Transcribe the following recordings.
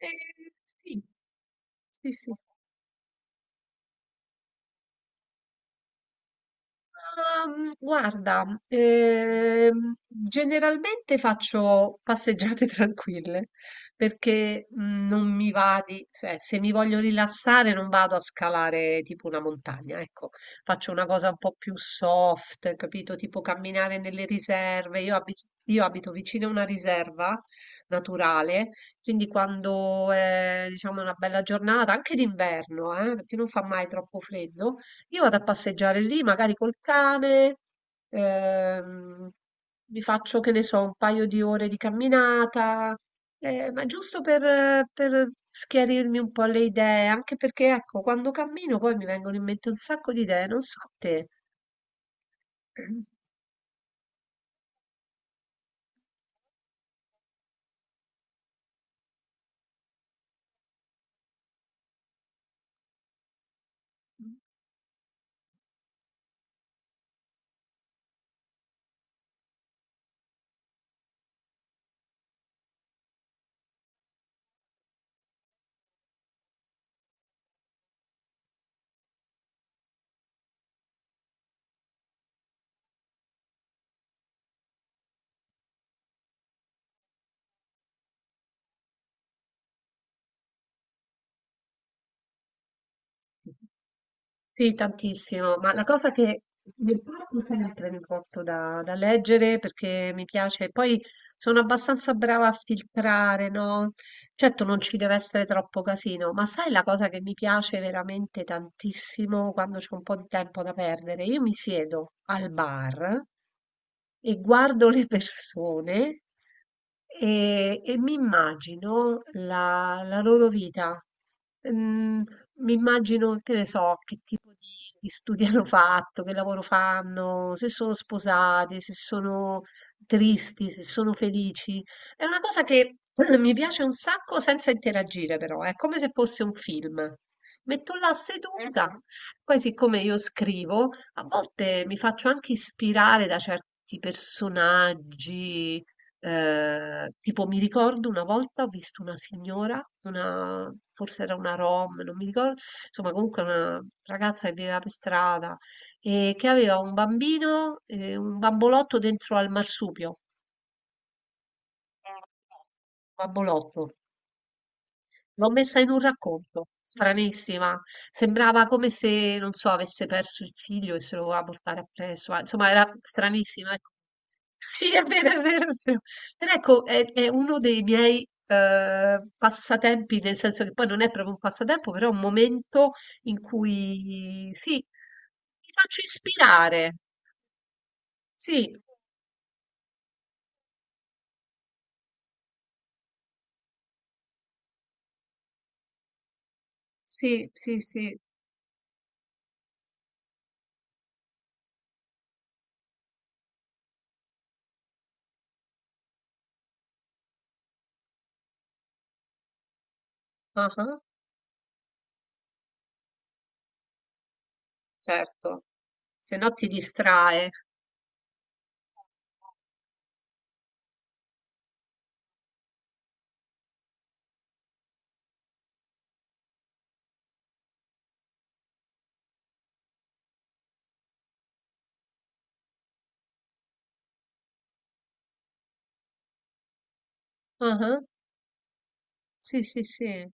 Ehm, sì, sì, sì. Ma, guarda, generalmente faccio passeggiate tranquille perché non mi va di, cioè, se mi voglio rilassare non vado a scalare tipo una montagna, ecco, faccio una cosa un po' più soft, capito? Tipo camminare nelle riserve. Io abito vicino a una riserva naturale, quindi quando è, diciamo, una bella giornata, anche d'inverno, perché non fa mai troppo freddo. Io vado a passeggiare lì, magari col cane, ehm, mi faccio, che ne so, un paio di ore di camminata, ma giusto per schiarirmi un po' le idee, anche perché, ecco, quando cammino poi mi vengono in mente un sacco di idee, non so a te. Sì, tantissimo, ma la cosa che mi porto da leggere perché mi piace, poi sono abbastanza brava a filtrare, no? Certo non ci deve essere troppo casino, ma sai la cosa che mi piace veramente tantissimo quando c'è un po' di tempo da perdere? Io mi siedo al bar e guardo le persone e mi immagino la loro vita. Mm, mi immagino, che ne so, che tipo di studi hanno fatto, che lavoro fanno, se sono sposati, se sono tristi, se sono felici. È una cosa che mi piace un sacco senza interagire, però, è come se fosse un film. Metto là seduta. Mhm. Poi siccome io scrivo, a volte mi faccio anche ispirare da certi personaggi, tipo mi ricordo una volta ho visto una signora, una forse era una rom, non mi ricor insomma comunque una ragazza che viveva per strada e che aveva un bambino, un bambolotto dentro al marsupio. Bambolotto. L'ho messa in un racconto, stranissima. Sembrava come se, non so, avesse perso il figlio e se lo voleva portare appresso. Ma, insomma, era stranissima. Ecco. Sì, è vero, è vero, è vero. Però ecco, è uno dei miei passatempi, nel senso che poi non è proprio un passatempo, però è un momento in cui, sì, mi faccio ispirare. Sì, sì, sì, sì. Ah, certo. Se no ti distrae. Ah, sì, sì, sì.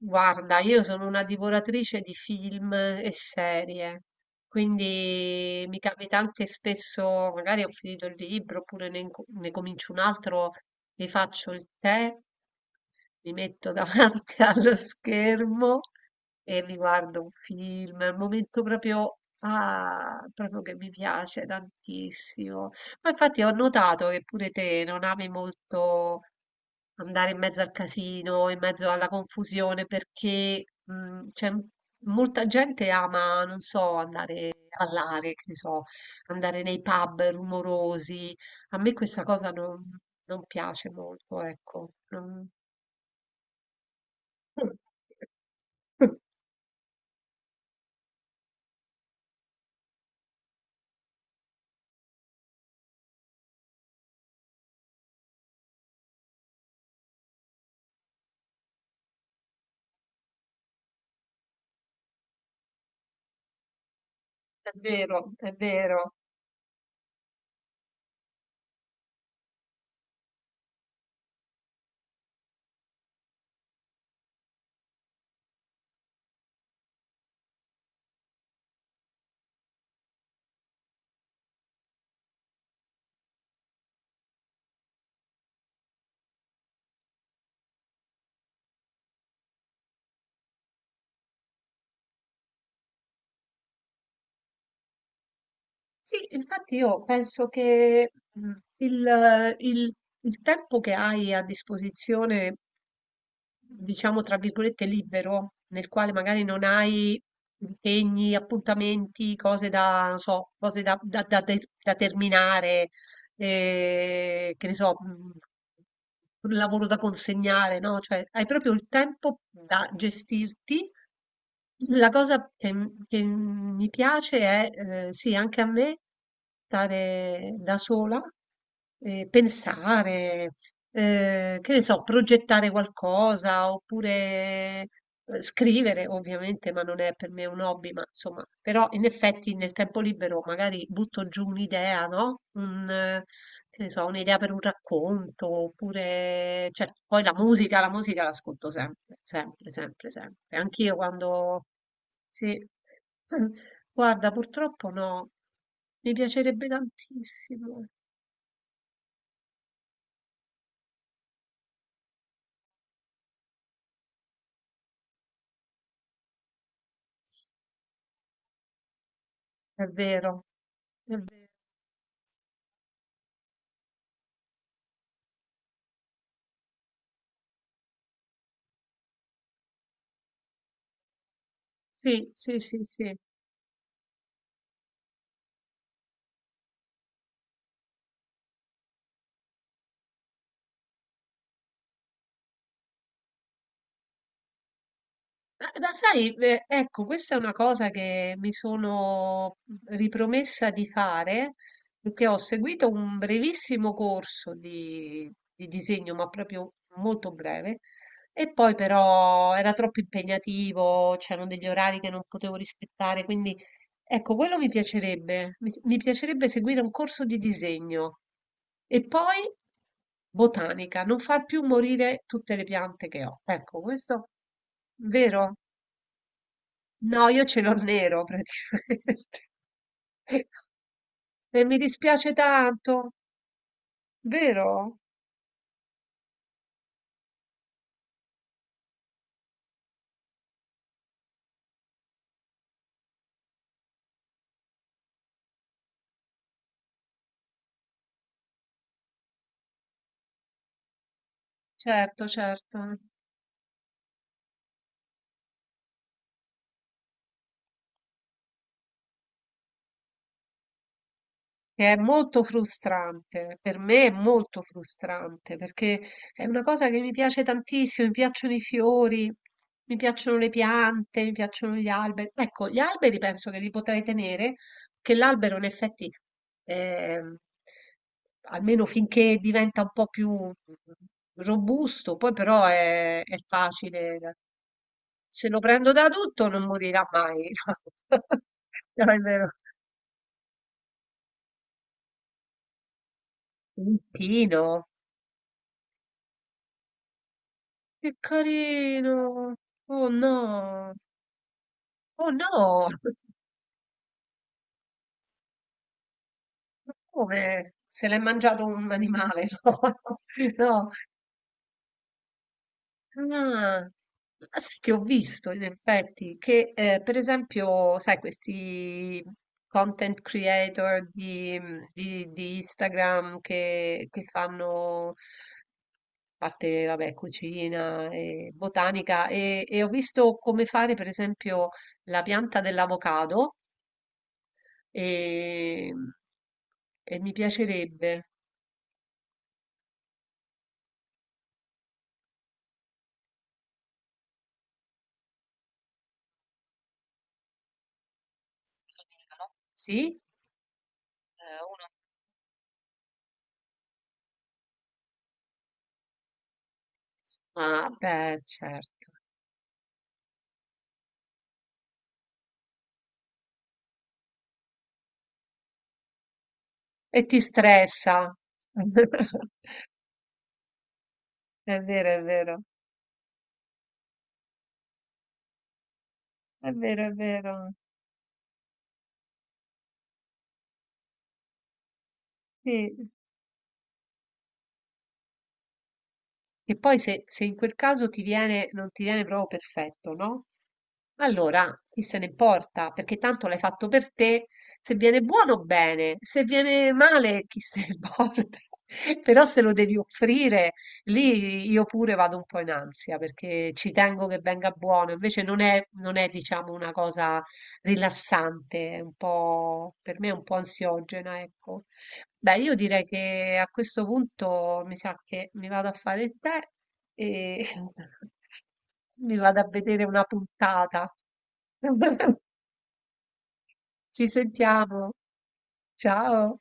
Guarda, io sono una divoratrice di film e serie, quindi mi capita anche spesso, magari ho finito il libro oppure ne comincio un altro, mi faccio il tè, mi metto davanti allo schermo e mi guardo un film, è un momento proprio, ah, proprio che mi piace tantissimo. Ma infatti ho notato che pure te non ami molto andare in mezzo al casino, in mezzo alla confusione, perché c'è molta gente ama, non so, andare a ballare, che ne so, andare nei pub rumorosi. A me questa cosa non piace molto, ecco. È vero, è vero. Sì, infatti io penso che mm, il, il- il tempo che hai a disposizione, diciamo tra virgolette, libero, nel quale magari non hai impegni, appuntamenti, cose da, non so, cose da terminare, e che ne so, un lavoro da consegnare, no? Cioè, hai proprio il tempo da gestirti. La cosa che mi piace è, sì, anche a me, stare da sola, e pensare, che ne so, progettare qualcosa oppure scrivere, ovviamente, ma non è per me un hobby, ma insomma, però in effetti nel tempo libero magari butto giù un'idea, no? Che ne so, un'idea per un racconto, oppure, cioè, poi la musica l'ascolto sempre, sempre, sempre, sempre. Anch'io quando... Sì. Guarda, purtroppo no, mi piacerebbe tantissimo, è vero. Sì, sì, sì, sì. Ma sai, ecco, questa è una cosa che mi sono ripromessa di fare, perché ho seguito un brevissimo corso di disegno, ma proprio molto breve, e poi però era troppo impegnativo, c'erano degli orari che non potevo rispettare, quindi ecco, quello mi piacerebbe, mi piacerebbe seguire un corso di disegno e poi botanica, non far più morire tutte le piante che ho. Ecco, questo vero? No, io ce l'ho nero praticamente. E mi dispiace tanto, vero? Certo, certo. Che è molto frustrante, per me è molto frustrante perché è una cosa che mi piace tantissimo, mi piacciono i fiori, mi piacciono le piante, mi piacciono gli alberi. Ecco, gli alberi penso che li potrei tenere, che l'albero in effetti, ehm, almeno finché diventa un po' più robusto, poi però è facile, se lo prendo da tutto non morirà mai. L'albero, un pino. Che carino! Oh no! Oh no! Ma come? Se l'è mangiato un animale? No, no. Ah, ma sai che ho visto in effetti che per esempio, sai, questi content creator di Instagram che fanno a parte, vabbè, cucina e botanica e ho visto come fare per esempio la pianta dell'avocado e, e mi piacerebbe. Sì? Ah, beh, certo. E ti stressa. È vero, è vero, è vero, è vero. Sì. E poi se in quel caso ti viene, non ti viene proprio perfetto, no? Allora, chi se ne importa? Perché tanto l'hai fatto per te. Se viene buono, bene. Se viene male, chi se ne importa? Però se lo devi offrire, lì io pure vado un po' in ansia perché ci tengo che venga buono. Invece non è, diciamo, una cosa rilassante, è un po', per me è un po' ansiogena, ecco. Beh, io direi che a questo punto mi sa che mi vado a fare il tè e mi vado a vedere una puntata. Ci sentiamo. Ciao.